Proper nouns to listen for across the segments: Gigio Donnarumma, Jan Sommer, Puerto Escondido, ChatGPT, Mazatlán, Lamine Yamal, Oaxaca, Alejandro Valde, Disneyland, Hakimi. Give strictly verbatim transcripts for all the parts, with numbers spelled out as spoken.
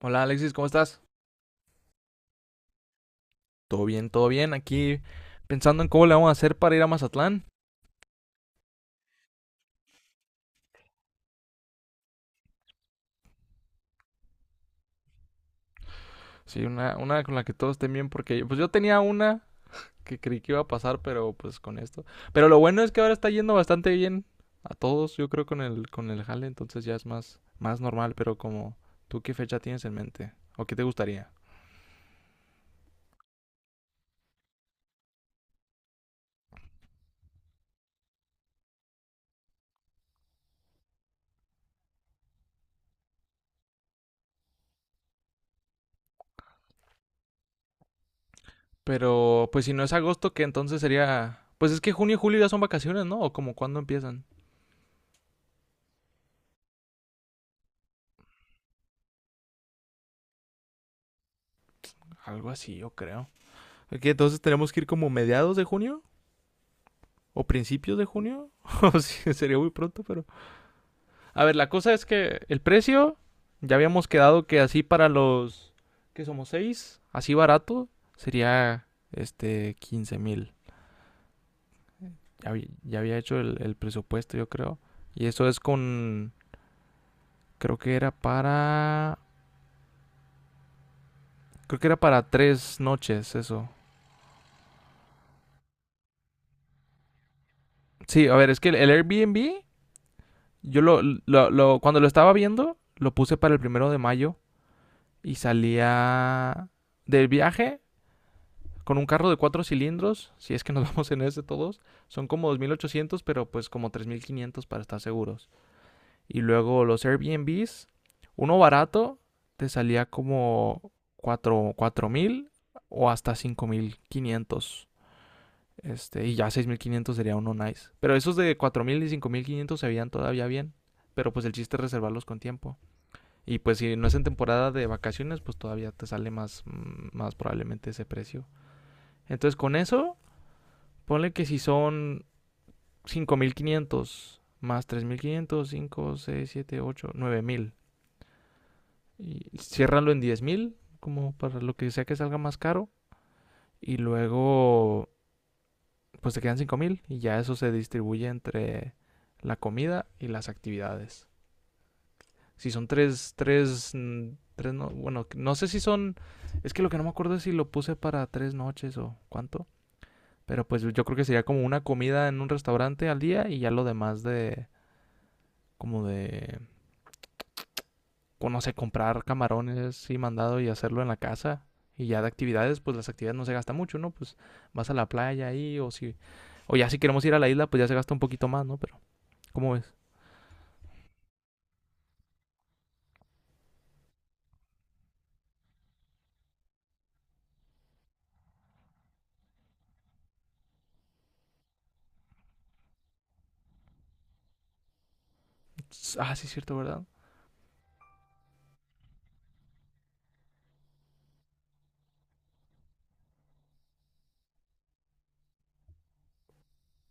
Hola Alexis, ¿cómo estás? Todo bien, todo bien. Aquí pensando en cómo le vamos a hacer para ir a Mazatlán. Sí, una, una con la que todos estén bien, porque pues yo tenía una que creí que iba a pasar, pero pues con esto. Pero lo bueno es que ahora está yendo bastante bien a todos, yo creo, con el, con el jale, entonces ya es más, más normal, pero como tú qué fecha tienes en mente o qué te gustaría. Pero pues si no es agosto, que entonces sería. Pues es que junio y julio ya son vacaciones, ¿no? O como cuándo empiezan. Algo así, yo creo. Ok, entonces tenemos que ir como mediados de junio o principios de junio. O sí, sería muy pronto, pero. A ver, la cosa es que el precio. Ya habíamos quedado que así para los que somos seis, así barato, sería este quince mil. Ya, ya había hecho el, el presupuesto, yo creo. Y eso es con. Creo que era para. Creo que era para tres noches, eso. Sí, a ver, es que el, el Airbnb, yo lo, lo- lo- Cuando lo estaba viendo, lo puse para el primero de mayo. Y salía. Del viaje, con un carro de cuatro cilindros, si es que nos vamos en ese todos, son como dos mil ochocientos, pero pues como tres mil quinientos para estar seguros. Y luego los Airbnbs, uno barato te salía como cuatro, cuatro mil o hasta cinco mil quinientos. Este, y ya seis mil quinientos sería uno nice. Pero esos de cuatro mil y cinco mil quinientos se veían todavía bien. Pero pues el chiste es reservarlos con tiempo. Y pues si no es en temporada de vacaciones, pues todavía te sale más, mm, más probablemente ese precio. Entonces con eso, ponle que si son cinco mil quinientos más tres mil quinientos, cinco, seis, siete, ocho, nueve mil. Y ciérralo en diez mil como para lo que sea que salga más caro. Y luego, pues te quedan cinco mil y ya eso se distribuye entre la comida y las actividades. Si son tres, tres, mm, tres, no, bueno, no sé si son, es que lo que no me acuerdo es si lo puse para tres noches o cuánto. Pero pues yo creo que sería como una comida en un restaurante al día y ya lo demás de, como de, pues, no sé, comprar camarones y mandado y hacerlo en la casa. Y ya de actividades, pues las actividades no se gasta mucho, ¿no? Pues vas a la playa ahí o si... O ya si queremos ir a la isla, pues ya se gasta un poquito más, ¿no? Pero, ¿cómo ves? Ah, sí, es cierto, ¿verdad?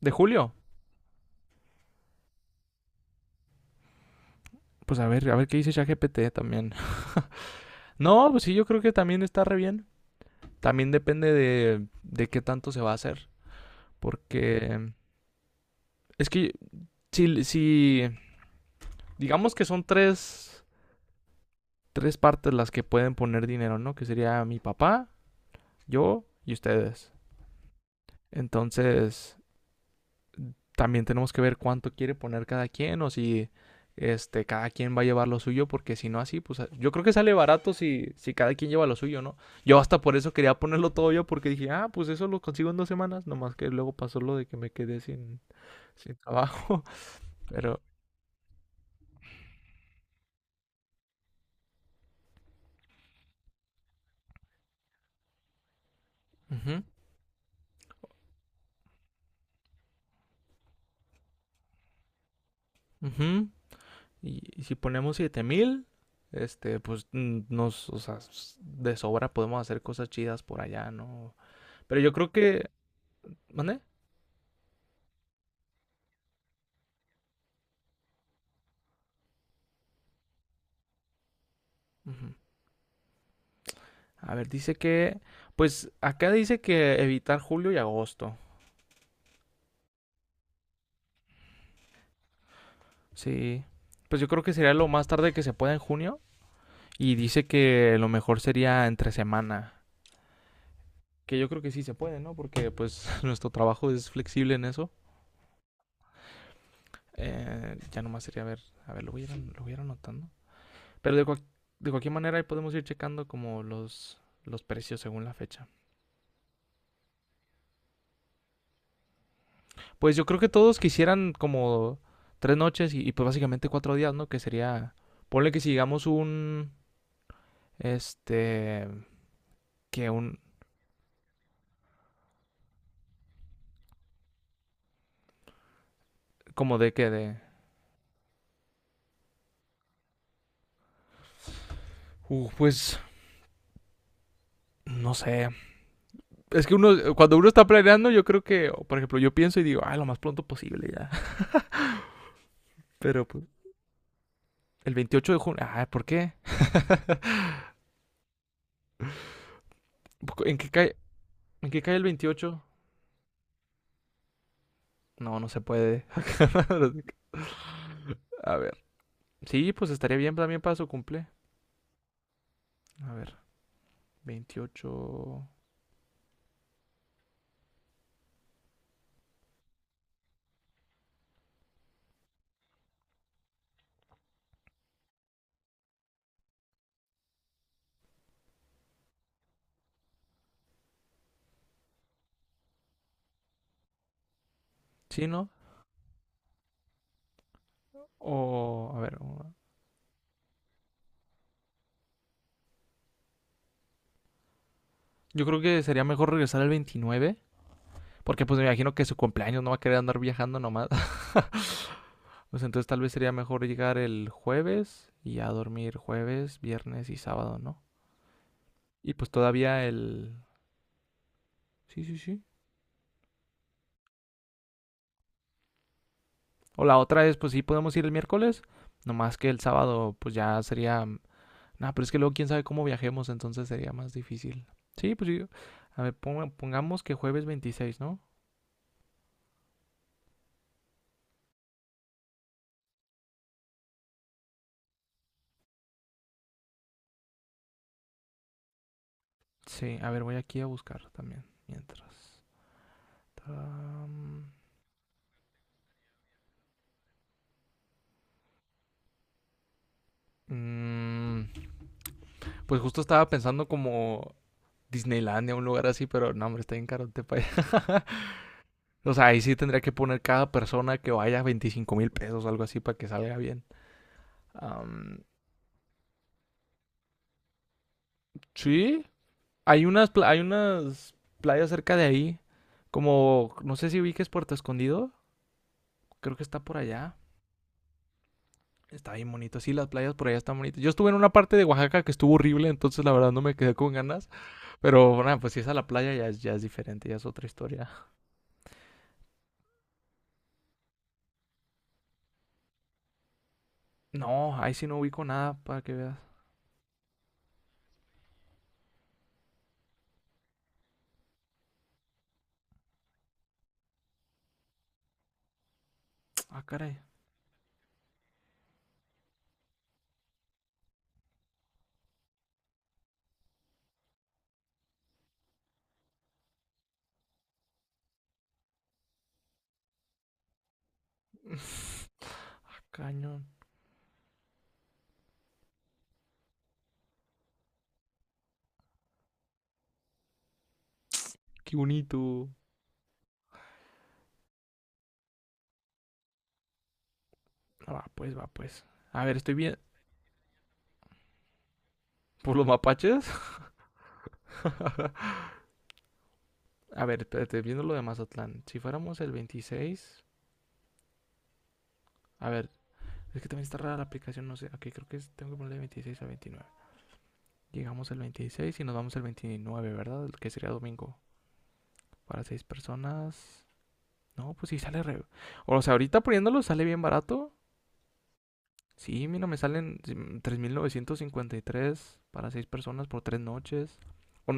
¿De julio? Pues a ver, a ver qué dice ChatGPT también. No, pues sí, yo creo que también está re bien. También depende de, de qué tanto se va a hacer. Porque es que si, si digamos que son tres tres partes las que pueden poner dinero, ¿no? Que sería mi papá, yo y ustedes. Entonces, también tenemos que ver cuánto quiere poner cada quien o si este cada quien va a llevar lo suyo porque si no así, pues yo creo que sale barato si si cada quien lleva lo suyo, ¿no? Yo hasta por eso quería ponerlo todo yo porque dije, "Ah, pues eso lo consigo en dos semanas", nomás que luego pasó lo de que me quedé sin sin trabajo, pero ujú, ujú. Y, y si ponemos siete mil este, pues mm, nos, o sea, de sobra podemos hacer cosas chidas por allá, ¿no? Pero yo creo que, ¿mande? Ujú. A ver, dice que, pues acá dice que evitar julio y agosto. Sí. Pues yo creo que sería lo más tarde que se pueda en junio. Y dice que lo mejor sería entre semana. Que yo creo que sí se puede, ¿no? Porque pues nuestro trabajo es flexible en eso. Eh, ya nomás sería, a ver, a ver, lo voy a ir, lo voy a ir anotando. Pero de, cual- de cualquier manera ahí podemos ir checando como los, los precios según la fecha. Pues yo creo que todos quisieran como tres noches y, y pues básicamente cuatro días, ¿no? Que sería, ponle que si llegamos un, este, que un, como de que de, uh, pues, no sé. Es que uno, cuando uno está planeando, yo creo que, o por ejemplo, yo pienso y digo, ah, lo más pronto posible ya. Pero pues, el veintiocho de junio, ah, ¿por qué? ¿En qué cae, en qué cae el veintiocho? No, no se puede. A ver. Sí, pues estaría bien también para su cumple. A ver, veintiocho. Sí, ¿no? O, a ver, o- yo creo que sería mejor regresar el veintinueve, porque pues me imagino que su cumpleaños no va a querer andar viajando nomás. Pues entonces tal vez sería mejor llegar el jueves y ya dormir jueves, viernes y sábado, ¿no? Y pues todavía el... Sí, sí, sí. O la otra es, pues sí, podemos ir el miércoles, nomás que el sábado pues ya sería. Nah, pero es que luego quién sabe cómo viajemos, entonces sería más difícil. Sí, pues yo- a ver, ponga- pongamos que jueves veintiséis, ¿no? Sí, a ver, voy aquí a buscar también. Mientras. Taram. Mm, pues justo estaba pensando como Disneylandia, un lugar así, pero no, hombre, está bien carote para allá. O sea, ahí sí tendría que poner cada persona que vaya veinticinco mil pesos, algo así, para que salga bien. Am, sí, hay unas, pla- hay unas playas cerca de ahí, como, no sé si ubiques Puerto Escondido. Creo que está por allá. Está bien bonito. Sí, las playas por allá están bonitas. Yo estuve en una parte de Oaxaca que estuvo horrible, entonces la verdad no me quedé con ganas. Pero nada, pues si es a la playa ya, es- ya es diferente, ya es otra historia. No, ahí sí no ubico nada para que veas. Ah, caray, cañón. Qué bonito. Ah, va, pues, va, pues. A ver, estoy bien. ¿Por los mapaches? A ver, espérate, viendo lo de Mazatlán. Si fuéramos el veintiséis. A ver, es que también está rara la aplicación, no sé. Ok, creo que es- tengo que ponerle veintiséis a veintinueve. Llegamos el veintiséis y nos vamos el veintinueve, ¿verdad? El que sería domingo. Para seis personas. No, pues sí sale re. O sea, ahorita poniéndolo sale bien barato. Sí, mira, me salen tres mil novecientos cincuenta y tres para seis personas por tres noches. O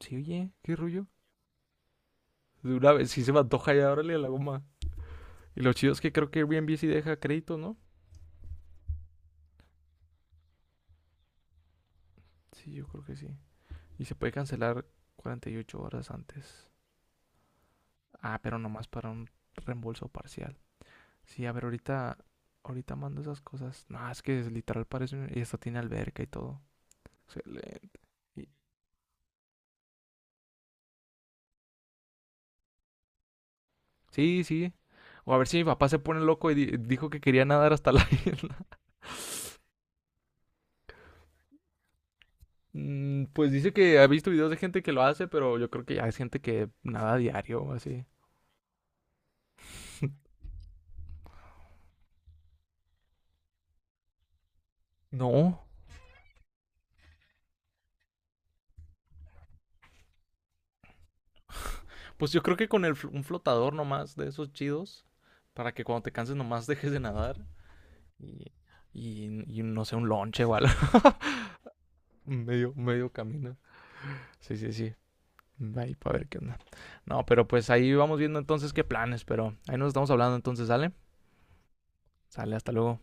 Sí, oye, qué rollo. De una vez, sí se me antoja ya, órale a la goma. Y lo chido es que creo que Airbnb sí deja crédito, ¿no? Sí, yo creo que sí. Y se puede cancelar cuarenta y ocho horas antes. Ah, pero nomás para un reembolso parcial. Sí, a ver, ahorita, ahorita mando esas cosas. No, es que es literal parece y esto tiene alberca y todo. Excelente. Y- Sí, sí. O a ver si mi papá se pone loco y di- dijo que quería nadar hasta la isla. Mm, Pues dice que ha visto videos de gente que lo hace, pero yo creo que ya es gente que nada diario o así. No. Pues yo creo que con el fl- un flotador nomás de esos chidos, para que cuando te canses nomás dejes de nadar y, y- y no sé, un lonche o algo. Medio, medio camino. Sí, sí, sí. Mm, Ahí para ver qué onda. No, pero pues ahí vamos viendo entonces qué planes, pero ahí nos estamos hablando entonces, ¿sale? Sale, hasta luego.